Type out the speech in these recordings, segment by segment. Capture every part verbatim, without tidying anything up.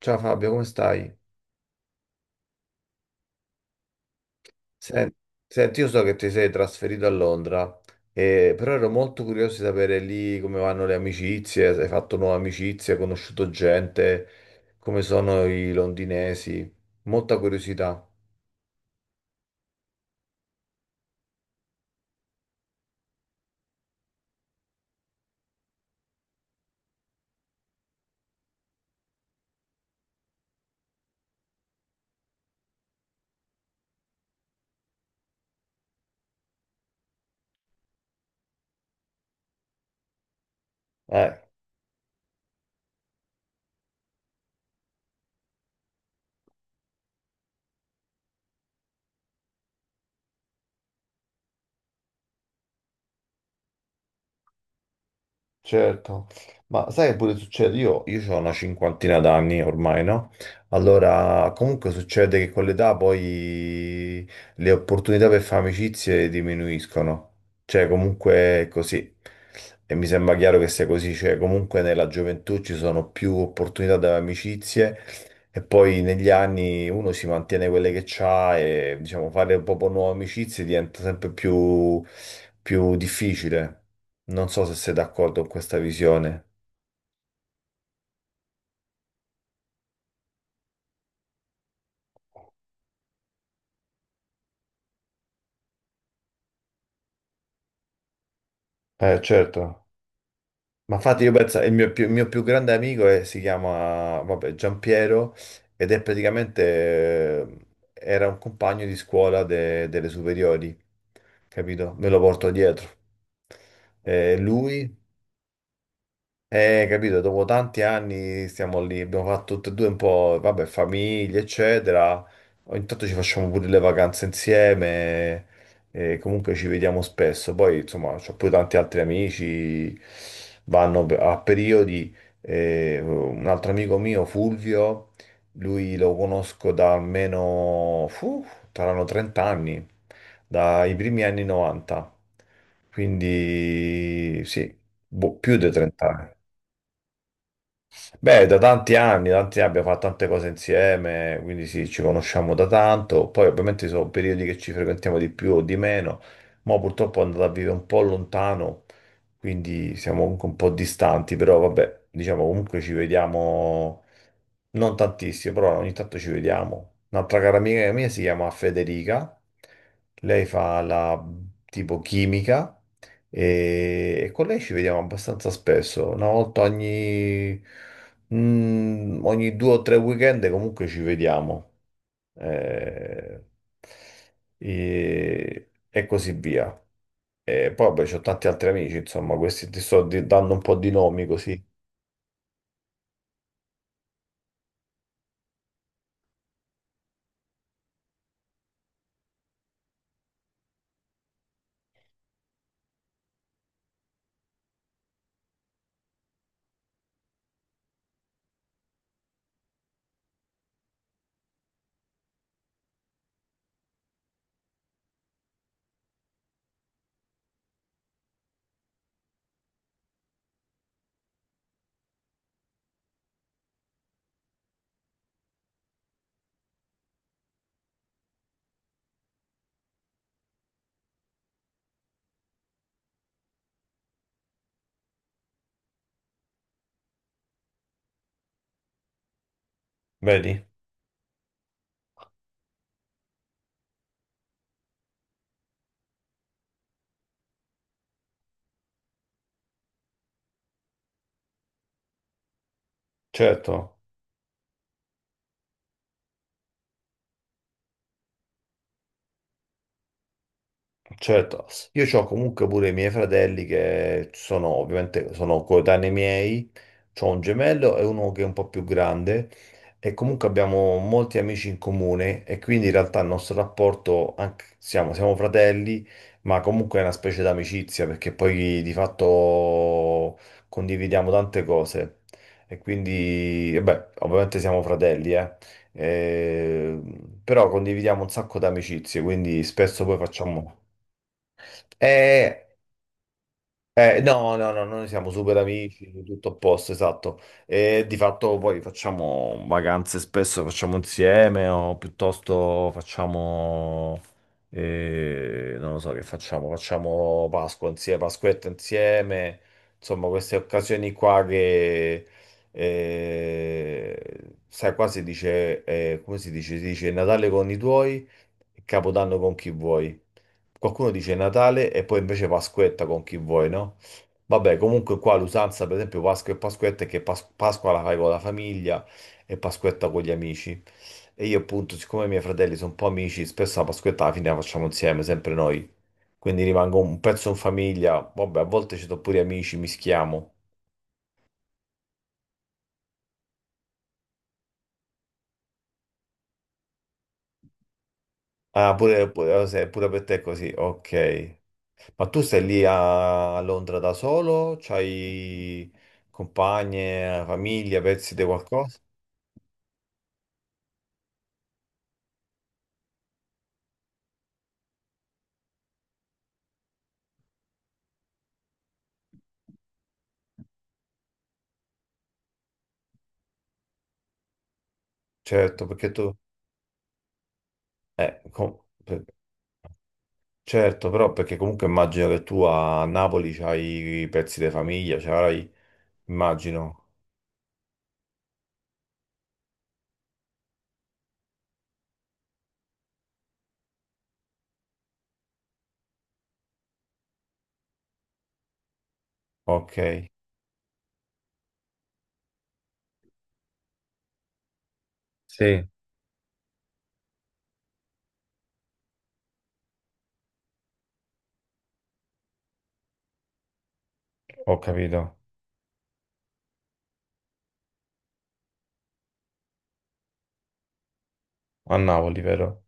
Ciao Fabio, come stai? Sen- Senti, io so che ti sei trasferito a Londra, eh, però ero molto curioso di sapere lì come vanno le amicizie, se hai fatto nuove amicizie, hai conosciuto gente, come sono i londinesi. Molta curiosità. Eh. Certo, ma sai che pure succede? Io, io ho una cinquantina d'anni ormai, no? Allora, comunque succede che con l'età poi le opportunità per fare amicizie diminuiscono. Cioè, comunque è così. E mi sembra chiaro che sia così. Cioè, comunque nella gioventù ci sono più opportunità da amicizie e poi negli anni uno si mantiene quelle che c'ha e, diciamo, fare proprio nuove amicizie diventa sempre più più difficile. Non so se sei d'accordo con questa visione. Eh, certo. Ma infatti io penso, il mio più, il mio più grande amico è- si chiama, vabbè, Giampiero ed è praticamente, eh, era un compagno di scuola de- delle superiori, capito? Me lo porto dietro. Eh, lui. Eh, capito, dopo tanti anni stiamo lì, abbiamo fatto tutte e due un po', vabbè, famiglie, eccetera. Ogni tanto ci facciamo pure le vacanze insieme, e comunque ci vediamo spesso. Poi, insomma, ho pure tanti altri amici, vanno pe- a periodi. Eh, un altro amico mio, Fulvio, lui lo conosco da almeno, fu, saranno trenta anni, dai primi anni novanta. Quindi, sì, boh, più di trenta anni. Beh, da tanti anni, tanti anni abbiamo fatto tante cose insieme, quindi sì, ci conosciamo da tanto. Poi ovviamente ci sono periodi che ci frequentiamo di più o di meno, ma purtroppo è andata a vivere un po' lontano, quindi siamo comunque un po' distanti, però vabbè, diciamo comunque ci vediamo non tantissimo, però ogni tanto ci vediamo. Un'altra cara amica mia si chiama Federica, lei fa la tipo chimica. E, e con lei ci vediamo abbastanza spesso, una volta ogni, mm, ogni due o tre weekend comunque ci vediamo. Eh, e, e così via. E poi vabbè, c'ho tanti altri amici, insomma, questi ti sto di- dando un po' di nomi così. Vedi? Certo. Certo, io ho comunque pure i miei fratelli che sono ovviamente sono coetanei miei, ho un gemello e uno che è un po' più grande e comunque abbiamo molti amici in comune e quindi in realtà il nostro rapporto, anche- siamo, siamo fratelli, ma comunque è una specie d'amicizia perché poi di fatto condividiamo tante cose e quindi, e beh, ovviamente siamo fratelli, eh. Eh, però condividiamo un sacco d'amicizie, quindi spesso poi facciamo... Eh, eh, no, no, no, noi siamo super amici, tutto a posto, esatto. E di fatto poi facciamo vacanze spesso, facciamo insieme o piuttosto facciamo, eh, non lo so che facciamo, facciamo Pasqua insieme, Pasquetta insieme, insomma queste occasioni qua che, eh, sai, qua si dice, eh, come si dice? Si dice Natale con i tuoi e Capodanno con chi vuoi. Qualcuno dice Natale e poi invece Pasquetta con chi vuoi, no? Vabbè, comunque qua l'usanza, per esempio, Pasqua e Pasquetta è che Pas- Pasqua la fai con la famiglia e Pasquetta con gli amici. E io appunto, siccome i miei fratelli sono un po' amici, spesso la Pasquetta alla fine la facciamo insieme, sempre noi. Quindi rimango un pezzo in famiglia, vabbè, a volte ci sono pure gli amici, mischiamo. Ah, pure, pure- ah, se- pure per te è così, ok. Ma tu stai lì a a Londra da solo? C'hai compagne, famiglia, pezzi di qualcosa? Certo, perché tu... eh, com- per- Certo, però perché comunque immagino che tu a Napoli c'hai i pezzi di famiglia, c'hai... Immagino. Ok, sì, ho capito. A Napoli, vero?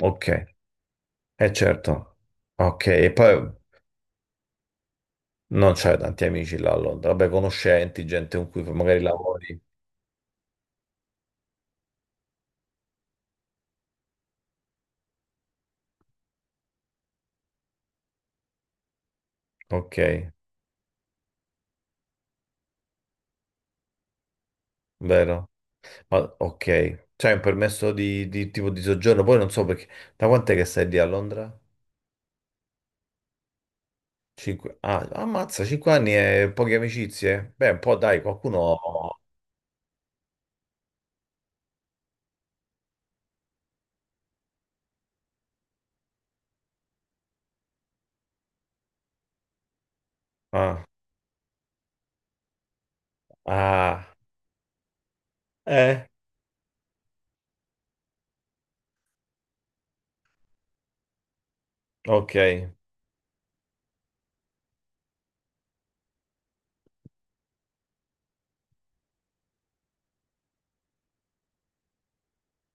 Ok, è certo. Ok, e poi... Non c'hai tanti amici là a Londra, vabbè, conoscenti, gente con cui magari lavori. Ok, vero? Ma ok, c'hai un permesso di, di tipo di soggiorno, poi non so perché. Da quant'è che stai lì a Londra? Cinque... Ah, ammazza, cinque anni e poche amicizie? Beh, un po' dai, qualcuno... Ah, ah, eh, ok,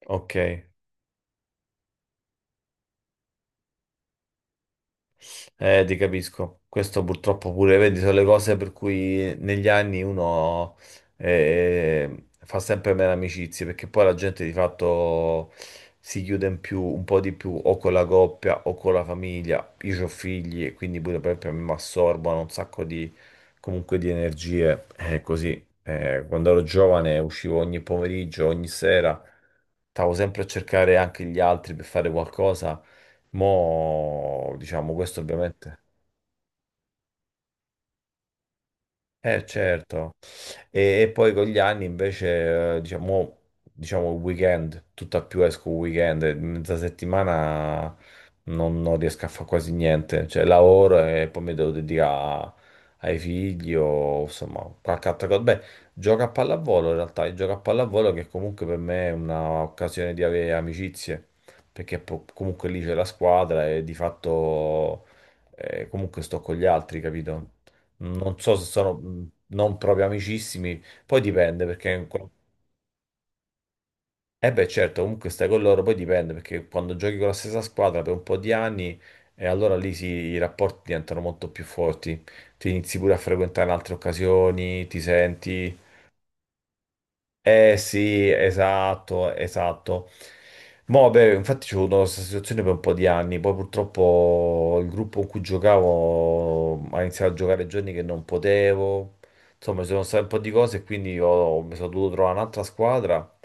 ok. Eh, ti capisco. Questo purtroppo pure, vedi, sono le cose per cui negli anni uno eh, fa sempre meno amicizie, perché poi la gente di fatto si chiude in più, un po' di più, o con la coppia o con la famiglia. Io ho figli e quindi pure per esempio mi assorbono un sacco di, comunque di energie. È così. Eh, quando ero giovane uscivo ogni pomeriggio, ogni sera, stavo sempre a cercare anche gli altri per fare qualcosa. Mo', diciamo, questo ovviamente. Eh certo, e, e poi con gli anni invece, eh, diciamo, diciamo il weekend, tutta più esco il weekend, e mezza settimana non, non riesco a fare quasi niente, cioè lavoro e poi mi devo dedicare a- ai figli o insomma qualche altra cosa. Beh, gioco a pallavolo in realtà, io gioco a pallavolo che comunque per me è un'occasione di avere amicizie, perché po- comunque lì c'è la squadra e di fatto eh, comunque sto con gli altri, capito? Non so se sono mh, non proprio amicissimi, poi dipende perché... co- Eh beh, certo, comunque stai con loro, poi dipende perché quando giochi con la stessa squadra per un po' di anni e allora lì sì, i rapporti diventano molto più forti, ti inizi pure a frequentare in altre occasioni, ti senti... Eh sì, esatto, esatto. Mo, beh, infatti c'è avuto questa situazione per un po' di anni, poi purtroppo il gruppo con cui giocavo ha iniziato a giocare giorni che non potevo, insomma ci sono state un po' di cose e quindi ho- mi sono dovuto trovare un'altra squadra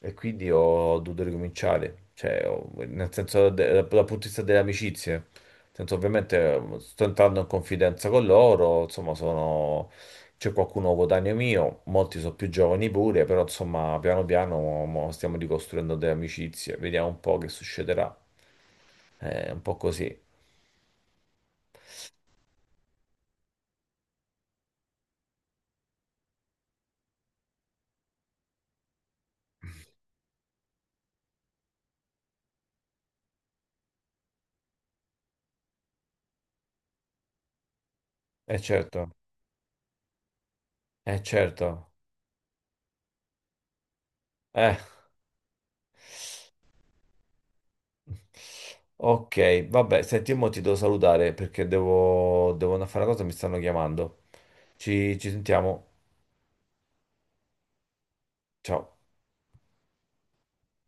e quindi ho dovuto ricominciare, cioè ho- nel senso de- dal punto di vista delle amicizie, nel senso ovviamente eh, sto entrando in confidenza con loro, insomma sono c'è qualcuno coetaneo mio, molti sono più giovani pure, però insomma piano piano mo stiamo ricostruendo delle amicizie, vediamo un po' che succederà. È un po' così. Eh certo, eh certo. Eh. Ok, vabbè, senti, mo ti devo salutare perché devo, devo andare a fare una cosa, mi stanno chiamando. Ci, ci sentiamo. Ciao.